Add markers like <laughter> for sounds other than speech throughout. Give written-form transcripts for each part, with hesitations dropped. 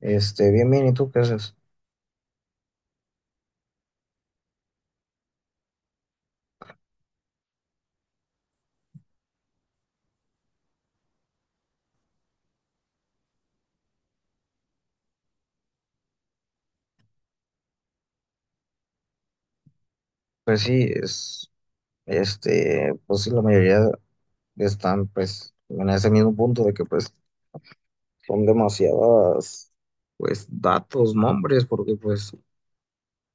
Bien, bien, ¿y tú qué haces? Pues sí, es, pues sí, la mayoría están, pues, en ese mismo punto de que, pues, son demasiadas, pues, datos, nombres, porque, pues,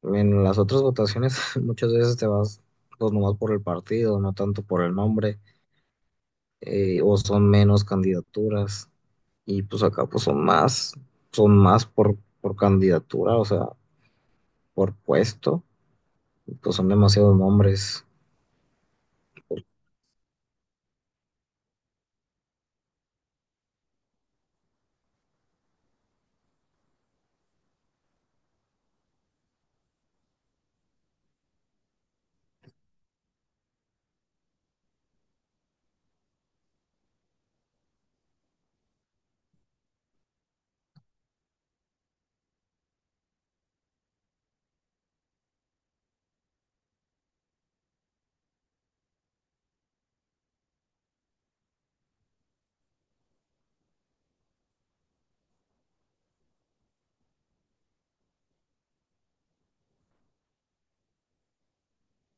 en las otras votaciones <laughs> muchas veces te vas, pues, nomás por el partido, no tanto por el nombre, o son menos candidaturas, y, pues, acá, pues, son más por candidatura, o sea, por puesto, y, pues, son demasiados nombres.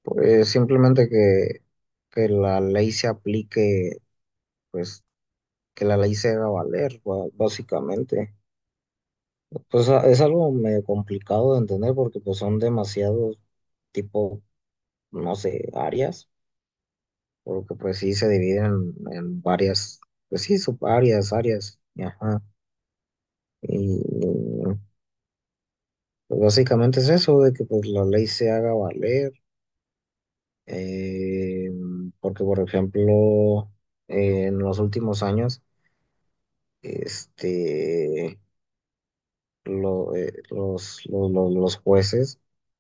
Pues simplemente que la ley se aplique, pues que la ley se haga valer, básicamente. Es algo medio complicado de entender porque pues son demasiados tipo, no sé, áreas, porque pues sí se dividen en varias, pues sí, subáreas, áreas, y ajá. Y pues, básicamente es eso, de que pues la ley se haga valer, eh, porque por ejemplo, en los últimos años, este, los jueces,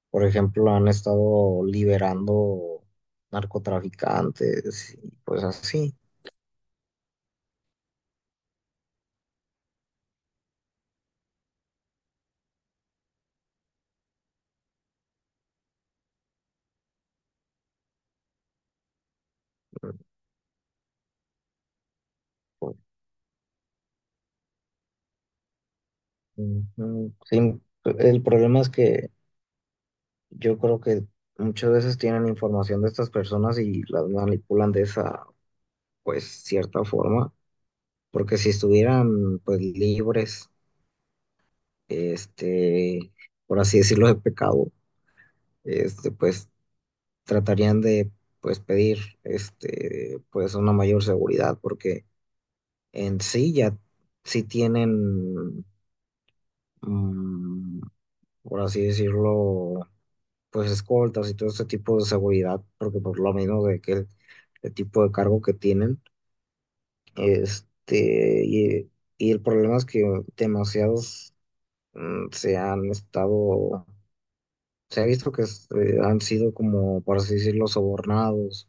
por ejemplo, han estado liberando narcotraficantes y pues así. Ujú. Sí, el problema es que yo creo que muchas veces tienen información de estas personas y las manipulan de esa, pues, cierta forma, porque si estuvieran, pues, libres, este, por así decirlo, de pecado, este, pues, tratarían de pues pedir este pues una mayor seguridad porque en sí ya sí tienen mm, por así decirlo pues escoltas y todo este tipo de seguridad porque por lo menos de que el tipo de cargo que tienen este y el problema es que demasiados se han estado se ha visto que han sido como por así decirlo sobornados.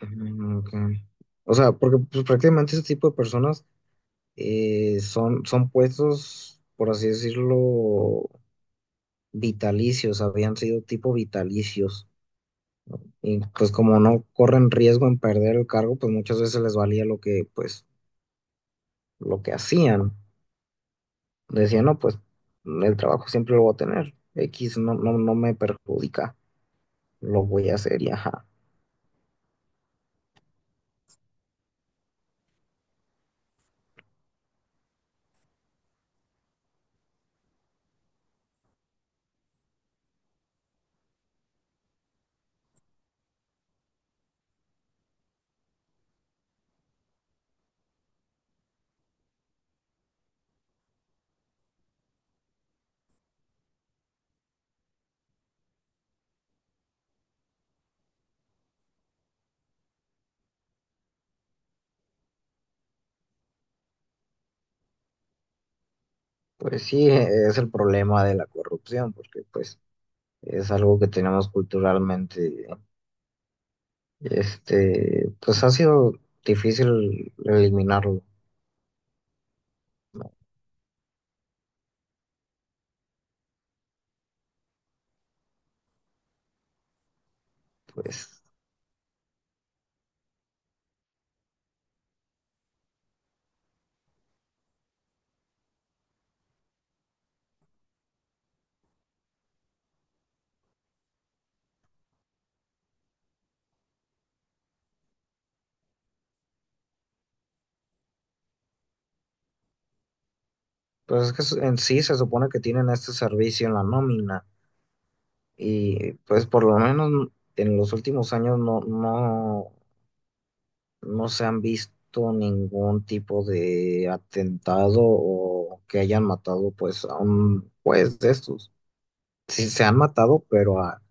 Mm, ok. O sea, porque pues, prácticamente ese tipo de personas son, son puestos, por así decirlo, vitalicios, habían sido tipo vitalicios. Y pues como no corren riesgo en perder el cargo, pues muchas veces les valía lo que, pues, lo que hacían. Decían, no, pues el trabajo siempre lo voy a tener. X no, no, no me perjudica, lo voy a hacer y ajá. Pues sí, es el problema de la corrupción, porque pues es algo que tenemos culturalmente. Este, pues ha sido difícil eliminarlo, ¿no? Pues, pues es que en sí se supone que tienen este servicio en la nómina y pues por lo menos en los últimos años no, no, no se han visto ningún tipo de atentado o que hayan matado pues a un juez de estos. Sí se han matado, pero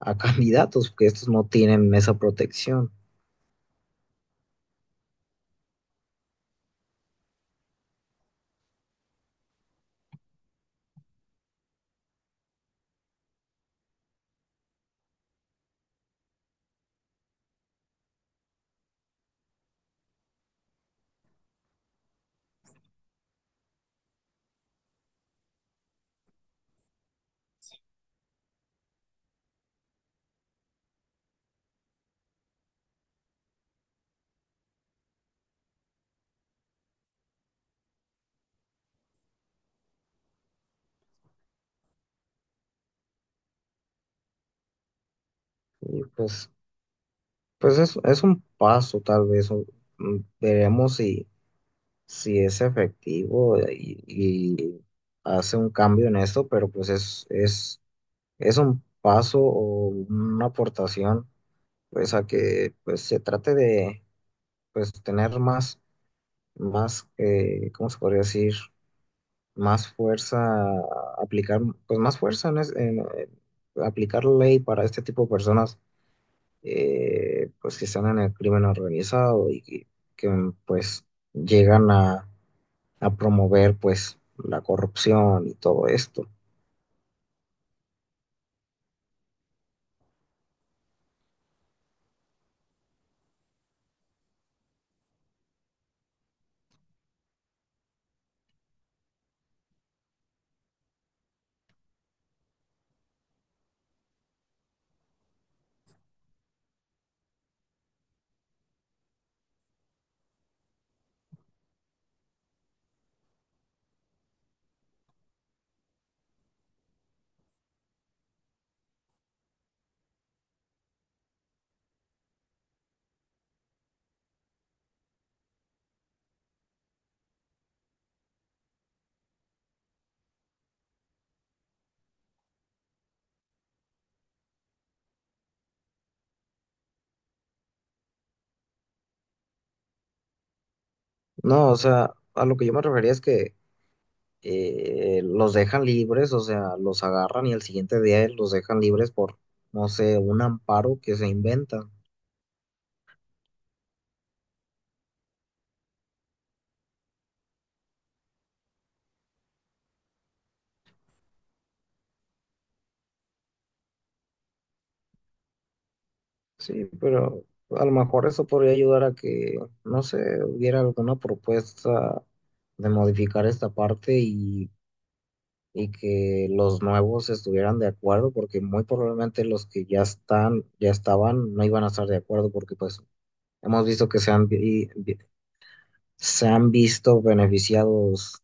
a <laughs> candidatos, que estos no tienen esa protección. Y pues pues es un paso, tal vez. Veremos si, si es efectivo y hace un cambio en esto, pero pues es un paso o una aportación pues a que pues se trate de pues tener más, más ¿cómo se podría decir? Más fuerza, aplicar pues más fuerza en, en, aplicar ley para este tipo de personas, pues que están en el crimen organizado y que, pues llegan a promover pues la corrupción y todo esto. No, o sea, a lo que yo me refería es que los dejan libres, o sea, los agarran y al siguiente día los dejan libres por, no sé, un amparo que se inventan. Sí, pero a lo mejor eso podría ayudar a que, no sé, hubiera alguna propuesta de modificar esta parte y que los nuevos estuvieran de acuerdo, porque muy probablemente los que ya están, ya estaban, no iban a estar de acuerdo, porque pues hemos visto que se han, se han visto beneficiados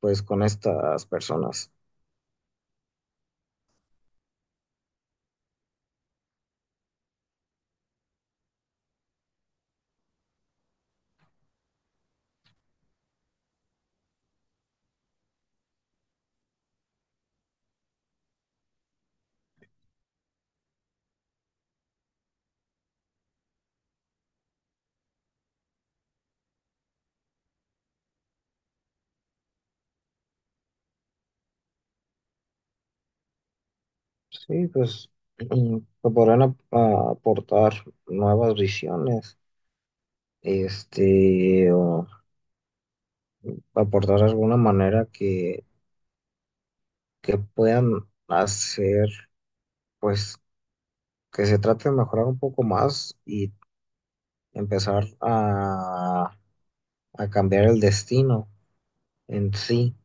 pues con estas personas. Sí, pues que podrán aportar nuevas visiones, este, o aportar alguna manera que puedan hacer pues que se trate de mejorar un poco más y empezar a cambiar el destino en sí.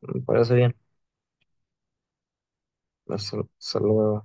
Me parece bien. Hasta, hasta luego.